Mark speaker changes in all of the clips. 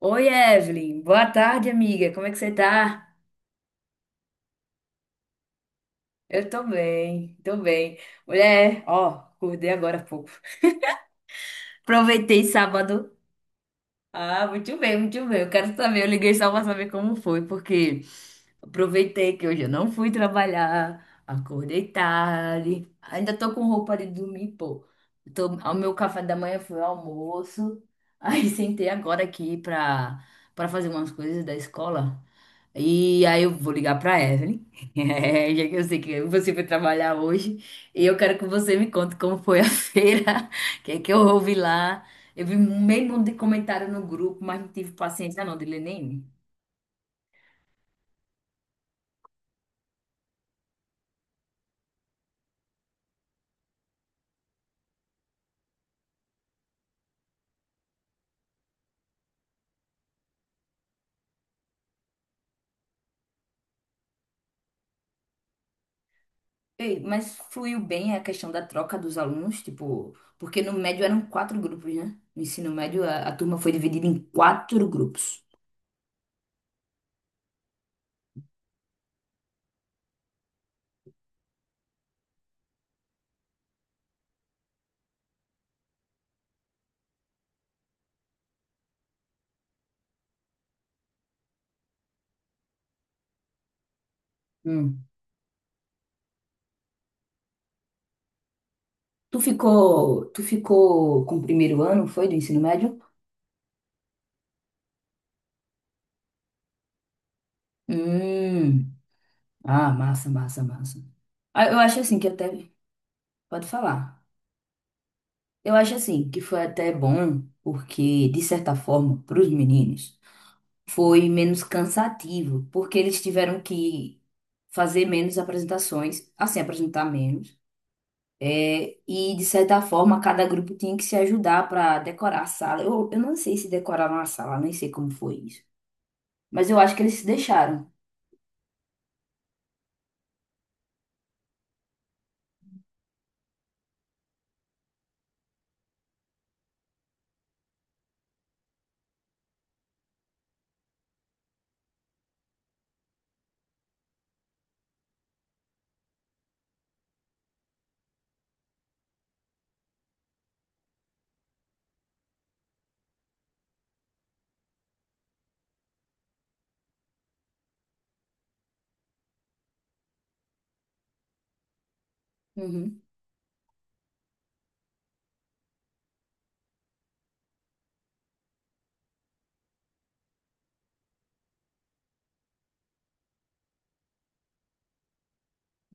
Speaker 1: Oi, Evelyn. Boa tarde, amiga. Como é que você tá? Eu tô bem, tô bem. Mulher, ó, acordei agora há pouco. Aproveitei sábado. Ah, muito bem, muito bem. Eu quero saber, eu liguei só pra saber como foi, porque aproveitei que hoje eu não fui trabalhar, acordei tarde, ainda tô com roupa de dormir, pô. Tô, o meu café da manhã foi o almoço, aí sentei agora aqui pra fazer umas coisas da escola. E aí eu vou ligar pra Evelyn, já que eu sei que você foi trabalhar hoje, e eu quero que você me conte como foi a feira, o que é que eu ouvi lá. Eu vi meio mundo de comentário no grupo, mas não tive paciência não de ler nenhum. Ei, mas fluiu bem a questão da troca dos alunos, tipo, porque no médio eram quatro grupos, né? No ensino médio a turma foi dividida em quatro grupos. Hum. Tu ficou com o primeiro ano, foi, do ensino médio? Hum. Ah, massa, massa, massa. Ah, eu acho assim que até. Pode falar. Eu acho assim que foi até bom, porque, de certa forma, para os meninos, foi menos cansativo, porque eles tiveram que fazer menos apresentações, assim, apresentar menos. É, e, de certa forma, cada grupo tinha que se ajudar para decorar a sala. Eu não sei se decoraram a sala, nem sei como foi isso. Mas eu acho que eles se deixaram.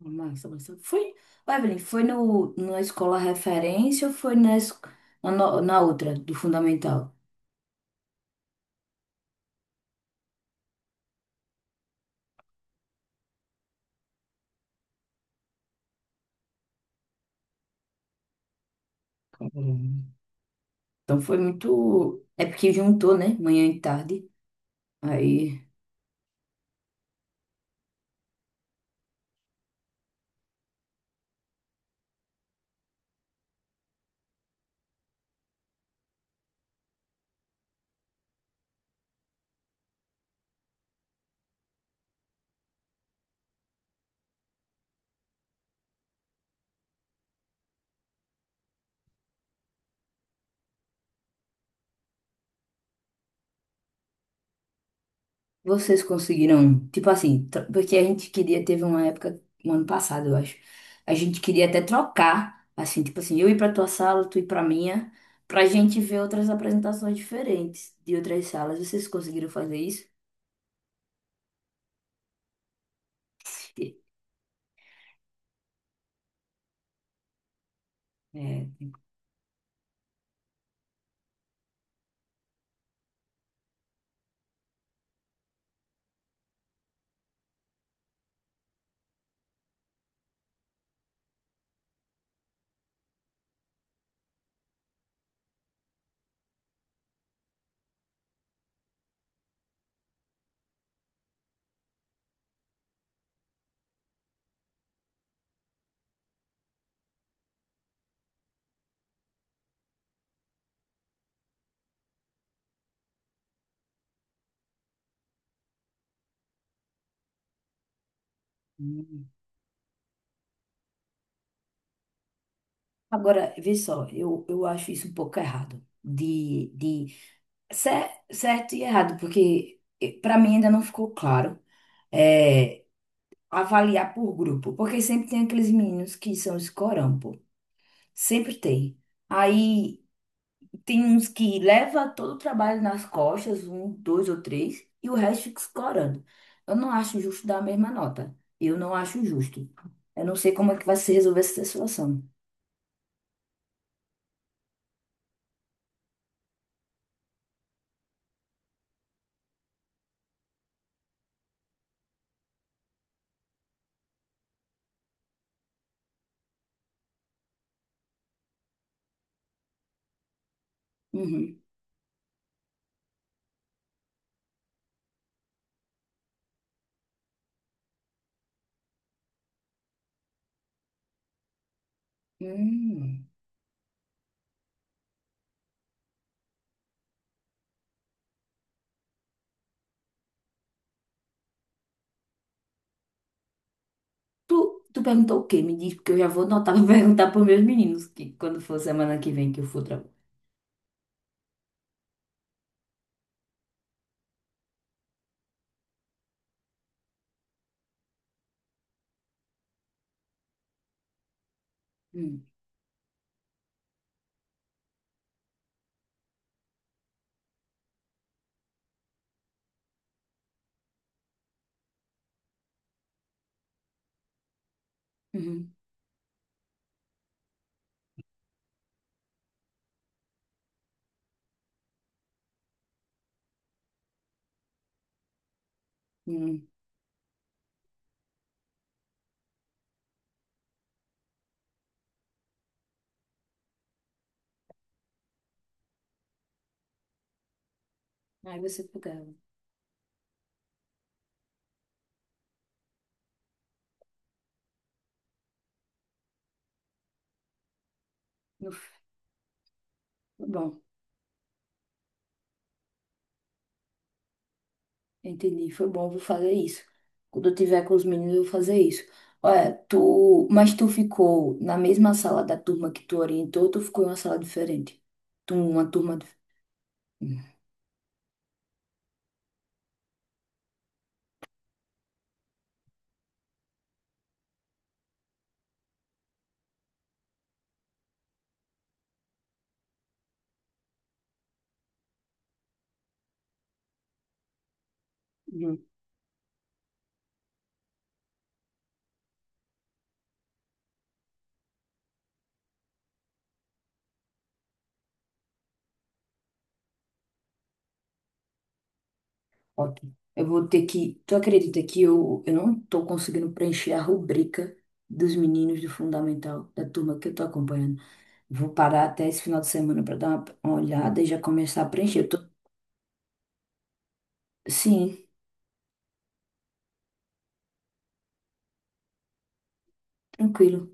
Speaker 1: Massa, massa. Foi, ô, Evelyn, foi no, na escola referência ou foi na, no- na outra, do fundamental? Caramba. Então foi muito. É porque juntou, né? Manhã e tarde. Aí vocês conseguiram. Tipo assim, porque a gente queria, teve uma época, um ano passado, eu acho. A gente queria até trocar. Assim, tipo assim, eu ir pra tua sala, tu ir pra minha, pra gente ver outras apresentações diferentes de outras salas. Vocês conseguiram fazer isso? É. Agora, vê só, eu acho isso um pouco errado, certo e errado, porque para mim ainda não ficou claro é, avaliar por grupo, porque sempre tem aqueles meninos que são escorão, pô, sempre tem. Aí tem uns que leva todo o trabalho nas costas, um, dois ou três, e o resto fica escorando. Eu não acho justo dar a mesma nota, eu não acho justo. Eu não sei como é que vai se resolver essa situação. Uhum. Hum. Tu, tu perguntou o quê? Me diz, porque eu já vou anotar pra perguntar pros meus meninos que quando for semana que vem que eu for trabalhar. Hum, uhum, hum. Aí você pegava. No- Foi bom, entendi. Foi bom, eu vou fazer isso. Quando eu tiver com os meninos, eu vou fazer isso. Olha, tu, mas tu ficou na mesma sala da turma que tu orientou, ou tu ficou em uma sala diferente? Tu, uma turma. Dif- Uhum. Ótimo. Eu vou ter que. Tu acredita que eu não tô conseguindo preencher a rubrica dos meninos do Fundamental, da turma que eu tô acompanhando? Vou parar até esse final de semana para dar uma olhada e já começar a preencher. Eu tô- Sim, tranquilo.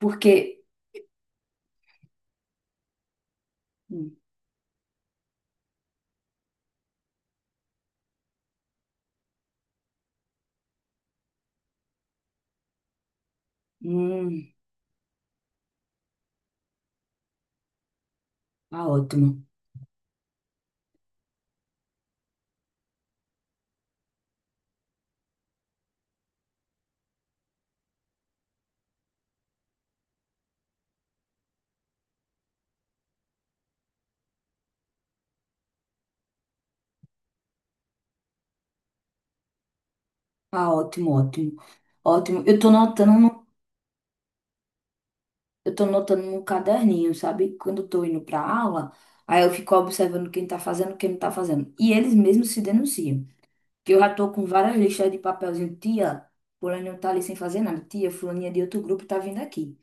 Speaker 1: Porque. Hum, ah, ótimo. Ah, ótimo, ótimo. Ótimo. Eu tô notando, no- eu tô notando no caderninho, sabe? Quando eu tô indo pra aula, aí eu fico observando quem tá fazendo, quem não tá fazendo. E eles mesmos se denunciam. Que eu já tô com várias listas de papelzinho. Tia, fulano tá ali sem fazer nada. Tia, fulaninha de outro grupo tá vindo aqui.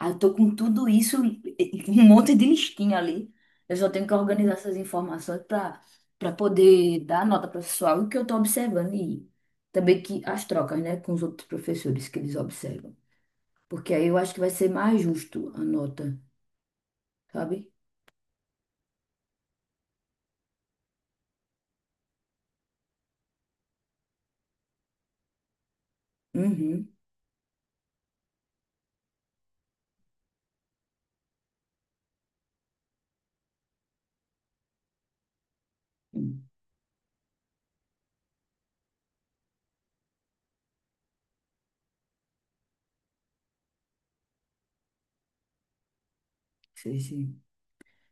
Speaker 1: Aí eu tô com tudo isso, e um monte de listinha ali. Eu só tenho que organizar essas informações para poder dar nota para o pessoal o que eu tô observando e também que as trocas, né, com os outros professores que eles observam. Porque aí eu acho que vai ser mais justo a nota, sabe? Uhum. Hum, sei, sim.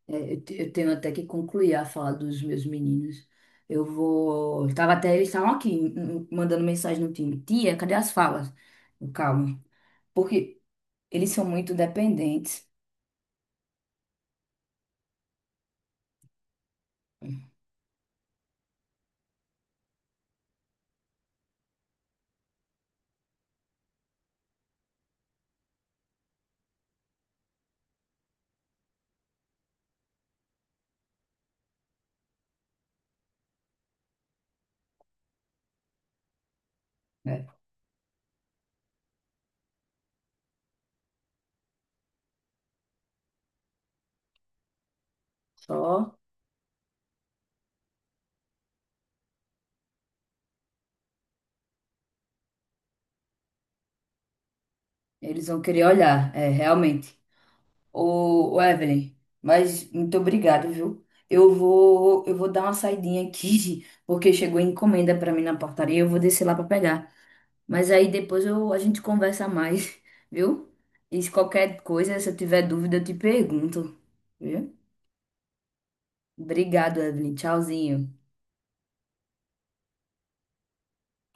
Speaker 1: É, eu tenho até que concluir a fala dos meus meninos. Eu vou. Tava até, eles estavam aqui mandando mensagem no time. Tia, cadê as falas? Eu, calma. Porque eles são muito dependentes. Né? Só eles vão querer olhar, é, realmente. Ô, Evelyn, mas muito obrigado, viu? Eu vou dar uma saidinha aqui, porque chegou encomenda para mim na portaria, eu vou descer lá para pegar. Mas aí depois eu, a gente conversa mais, viu? E se qualquer coisa, se eu tiver dúvida, eu te pergunto, viu? Obrigado, Evelyn. Tchauzinho.